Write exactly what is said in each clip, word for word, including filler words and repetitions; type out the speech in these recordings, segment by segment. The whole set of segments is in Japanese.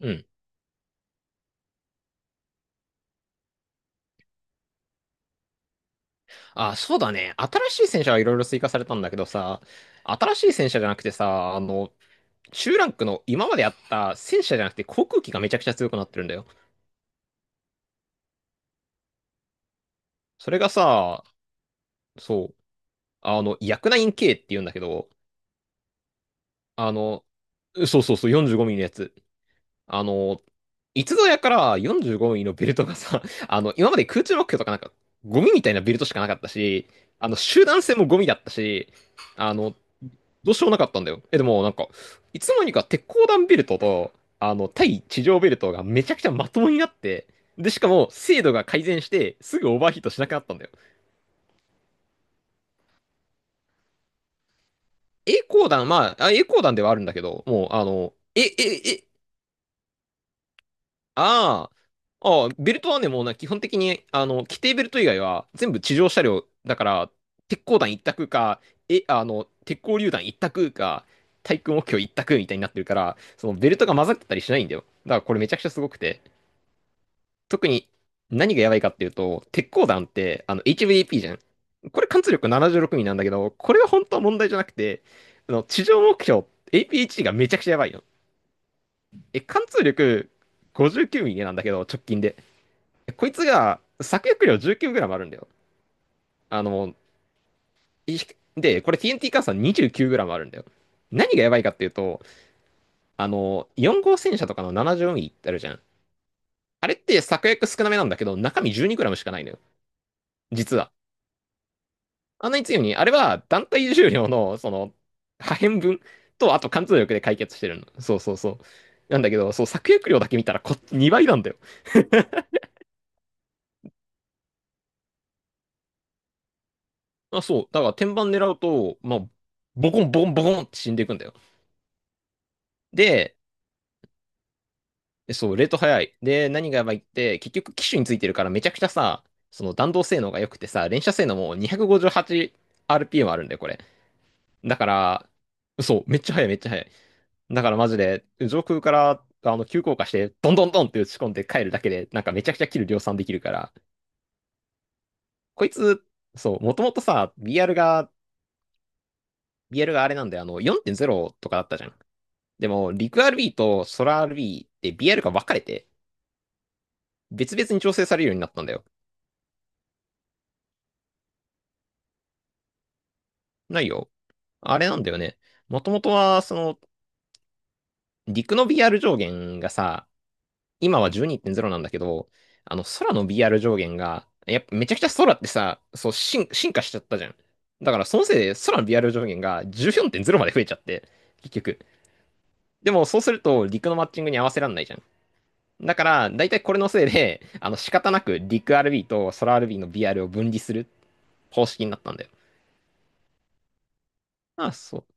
うん。あ、そうだね。新しい戦車はいろいろ追加されたんだけどさ、新しい戦車じゃなくてさ、あの、中ランクの今まであった戦車じゃなくて航空機がめちゃくちゃ強くなってるんだよ。それがさ、そう、あの、ヤクナイン K って言うんだけど、あの、そうそうそう、よんじゅうごミリのやつ。あの、いつぞやからよんじゅうごミリのベルトがさ、あの、今まで空中目標とかなんか、ゴミみたいなベルトしかなかったし、あの、集団戦もゴミだったし、あの、どうしようもなかったんだよ。え、でもなんか、いつの間にか鉄鋼弾ベルトと、あの、対地上ベルトがめちゃくちゃまともになって、で、しかも精度が改善して、すぐオーバーヒートしなくなったんだよ。栄光弾、まあ、あ栄光弾ではあるんだけど、もう、あの、え、え、え、ああ、ああ、ベルトはね、もうな、基本的に、あの、規定ベルト以外は全部地上車両だから、鉄鋼弾一択か、え、あの、鉄鋼榴弾一択か、対空目標一択みたいになってるから、そのベルトが混ざってたりしないんだよ。だからこれめちゃくちゃすごくて。特に何がやばいかっていうと、鉄鋼弾ってあの エイチブイエーピー じゃん。これ貫通力ななじゅうろくミリなんだけど、これは本当は問題じゃなくて、あの地上目標 エーピーエイチシー がめちゃくちゃやばいの。え、貫通力ごじゅうきゅうミリなんだけど、直近で。こいつが作薬量 じゅうきゅうグラム あるんだよ。あの、いで、これ ティーエヌティー 換算 にじゅうきゅうグラム あるんだよ。何がやばいかっていうと、あの、よん号戦車とかの ななじゅうよんミリ ってあるじゃん。あれって作薬少なめなんだけど、中身 じゅうにグラム しかないのよ。実は。あんなに強いのに、あれは団体重量の、その、破片分と、あと貫通力で解決してるの。そうそうそう。なんだけど、そう、作薬量だけ見たらこっちにばいなんだよ。あ、そう。だから天板狙うと、まあ、ボコンボコンボコンって死んでいくんだよ。で、そう、レート早い。で、何がやばいって、結局機種についてるからめちゃくちゃさ、その弾道性能が良くてさ、連射性能も にひゃくごじゅうはちアールピーエム あるんだよ、これ。だから、そう、めっちゃ速い、めっちゃ速い。だからマジで、上空から、あの、急降下して、どんどんどんって打ち込んで帰るだけで、なんかめちゃくちゃキル量産できるから、こいつ、そう、もともとさ、ビーアール が、ビーアール があれなんで、あの、よんてんゼロとかだったじゃん。でも、陸 RB と空 アールビー って ビーアール が分かれて、別々に調整されるようになったんだよ。ないよ。あれなんだよね。もともとは、その、陸の ビーアール 上限がさ、今はじゅうにてんゼロなんだけど、あの、空の ビーアール 上限が、やっぱめちゃくちゃ空ってさ、そう、進、進化しちゃったじゃん。だからそのせいで空の ビーアール 上限がじゅうよんてんゼロまで増えちゃって、結局。でもそうすると陸のマッチングに合わせらんないじゃん。だから、だいたいこれのせいで、あの、仕方なく陸 アールビー と空 アールビー の ビーアール を分離する方式になったんだよ。ああ、そう。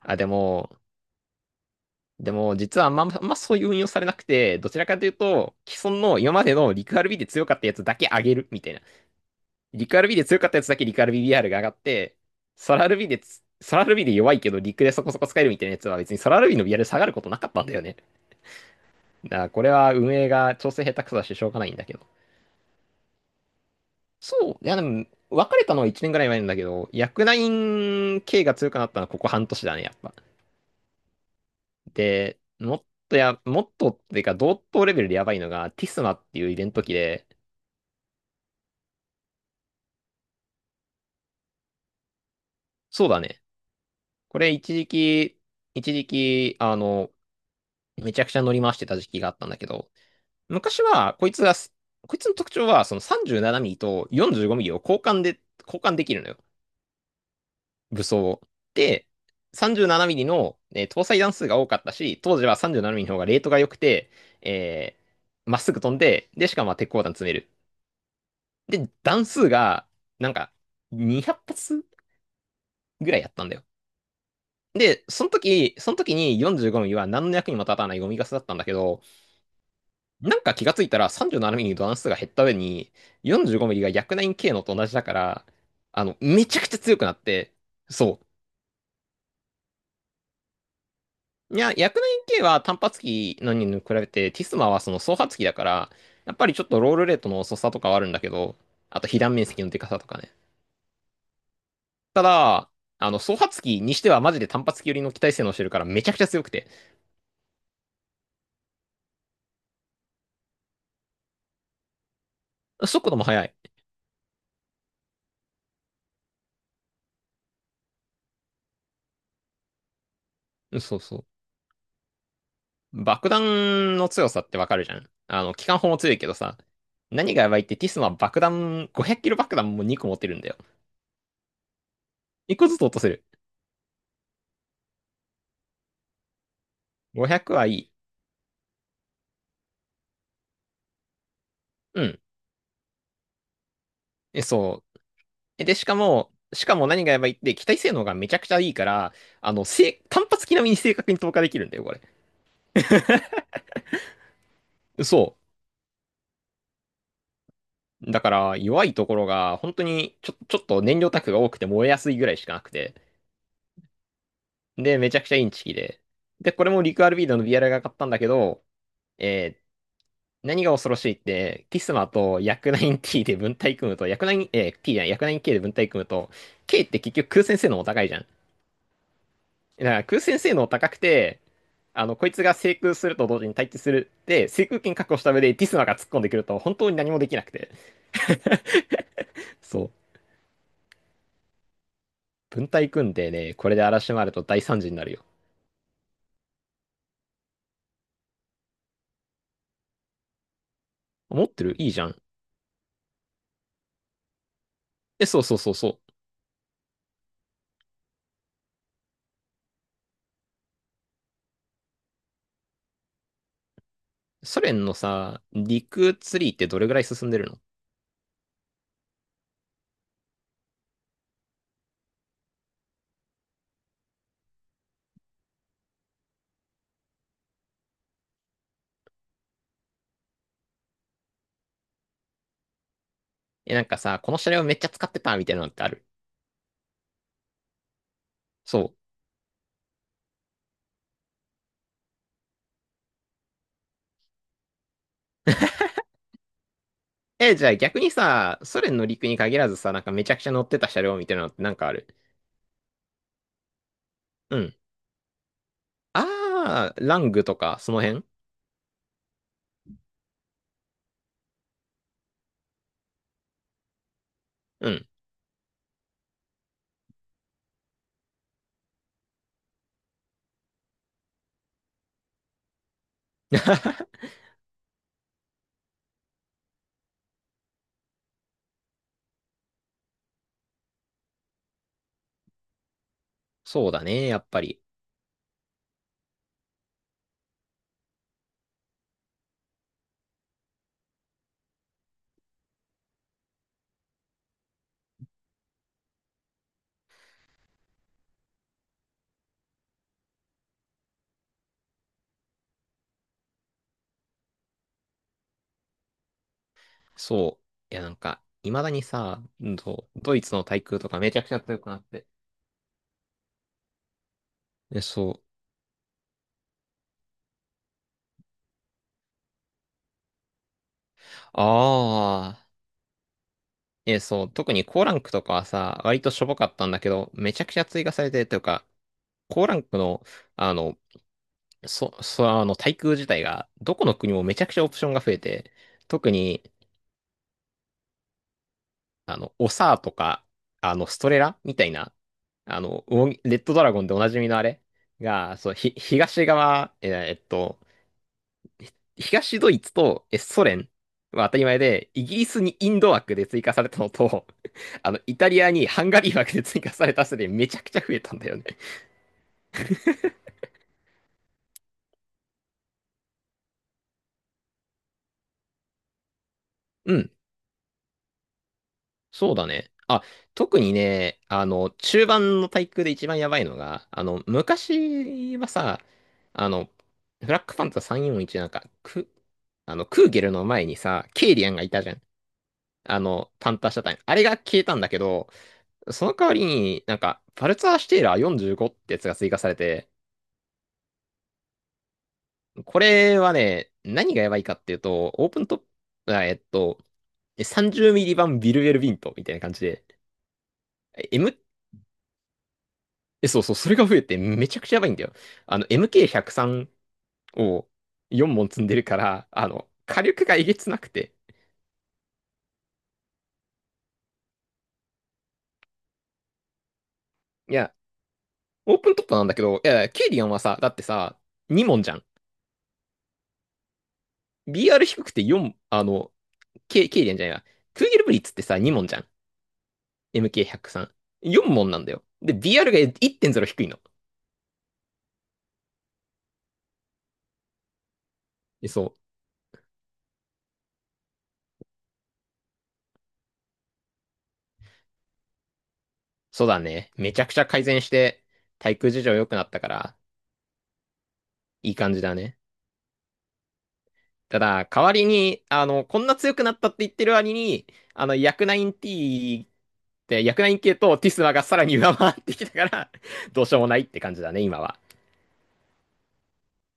あ、でも、でも、実はあんま、あんまそういう運用されなくて、どちらかというと、既存の今までの陸 アールビー で強かったやつだけ上げるみたいな。リクアールビーで強かったやつだけリク アールビービーアール が上がって、ソラアールビーでつ、ソラアールビーで弱いけどリクでそこそこ使えるみたいなやつは別にソラアールビーの ビーアール で下がることなかったんだよね。だからこれは運営が調整下手くそだししょうがないんだけど。そう。いやでも、別れたのはいちねんぐらい前なんだけど、薬ナイン系が強くなったのはここ半年だね、やっぱ。で、もっとや、もっとっていうか同等レベルでやばいのがティスマっていうイベント機で、そうだね。これ一時期、一時期、あの、めちゃくちゃ乗り回してた時期があったんだけど、昔は、こいつがこいつの特徴は、そのさんじゅうななミリとよんじゅうごミリを交換で、交換できるのよ。武装を。で、さんじゅうななミリの、えー搭載弾数が多かったし、当時はさんじゅうななミリの方がレートが良くて、えーまっすぐ飛んで、で、しかもまあ鉄鋼弾詰める。で、弾数が、なんか、にひゃく発ぐらいやったんだよ。で、その時、その時によんじゅうごミリは何の役にも立たないゴミガスだったんだけど、なんか気がついたらさん ななミリの段数が減った上によん ごミリが ひゃくきゅうケー のと同じだから、あの、めちゃくちゃ強くなって、そう。いや、ひゃくきゅうケー は単発機のに比べて、ティスマはその双発機だから、やっぱりちょっとロールレートの遅さとかはあるんだけど、あと被弾面積のでかさとかね。ただ、あの、双発機にしてはマジで単発機寄りの機体性能してるからめちゃくちゃ強くて、速度も速い。うん、そうそう。爆弾の強さってわかるじゃん。あの、機関砲も強いけどさ、何がやばいってティスマは爆弾、ごひゃくキロ爆弾もにこ持ってるんだよ。いっこずつ落とせる。ごひゃくはいい。うん。え、そう。え、で、しかも、しかも何がやばいって機体性能がめちゃくちゃいいから、あの、正単発機並みに正確に投下できるんだよ、これ。そう。だから、弱いところが、本当にちょ、ちょっと燃料タンクが多くて燃えやすいぐらいしかなくて。で、めちゃくちゃインチキで。で、これもリクアルビードの ビーアール が買ったんだけど、えー何が恐ろしいって、キスマとヤクナイン T で分体組むと、ヤクナイン、えー、T じゃない、ヤクナイン K で分体組むと、K って結局空戦性能も高いじゃん。だから空戦性能高くて、あの、こいつが制空すると同時に対地する。で、制空権確保した上でティスマが突っ込んでくると本当に何もできなくて。そう。分隊組んでね、これで嵐回ると大惨事になるよ。持ってる、いいじゃん。え、そうそうそうそう。ソ連のさ、陸ツリーってどれぐらい進んでるの？え、なんかさ、この車両めっちゃ使ってたみたいなのってある？そう。え、じゃあ逆にさ、ソ連の陸に限らずさ、なんかめちゃくちゃ乗ってた車両みたいなのってなんかある？うん。あー、ラングとか、その辺？うん。そうだね、やっぱり。そう。いや、なんか、未だにさ、うんとドイツの対空とかめちゃくちゃ強くなって。え、そう。ああ、え、そう。特に高ランクとかはさ、割としょぼかったんだけど、めちゃくちゃ追加されてというか、高ランクの、あの、そ、そ、あの、対空自体が、どこの国もめちゃくちゃオプションが増えて、特に、あの、オサーとか、あの、ストレラみたいな、あの、ウォンレッドドラゴンでおなじみのあれが、そう、ひ、東側、えーえっと、東ドイツとえソ連は当たり前で、イギリスにインド枠で追加されたのと、あの、イタリアにハンガリー枠で追加されたせいでめちゃくちゃ増えたんだよね。うん。そうだね。あ、特にね、あの、中盤の対空で一番やばいのが、あの、昔はさ、あの、フラッグフパンツァーさんよんいちなんか、ク、あの、クーゲルの前にさ、ケイリアンがいたじゃん。あの、パンターシャタイあれが消えたんだけど、その代わりになんか、パルツァーシュテイラーよんじゅうごってやつが追加されて、これはね、何がやばいかっていうと、オープントップ、あえっと、さんじゅうミリ版ビルウェルビントみたいな感じで、え、そうそう、それが増えてめちゃくちゃやばいんだよ。あの、エムケーひゃくさん をよん問積んでるから、あの、火力がえげつなくて。いや、オープントップなんだけど、いや、ケイリアンはさ、だってさ、に問じゃん。ビーアール 低くてよん、あの、ケイ、ケイリアンじゃないな。クーゲルブリッツってさ、に問じゃん。エムケーひゃくさん。よん問なんだよ。で、ビーアール がいってんゼロ低いの。えそう。そうだね。めちゃくちゃ改善して、対空事情良くなったから、いい感じだね。ただ、代わりに、あの、こんな強くなったって言ってる割に、あの、薬ナイン t って、薬ナイン系とティスマがさらに上回ってきたから、どうしようもないって感じだね、今は。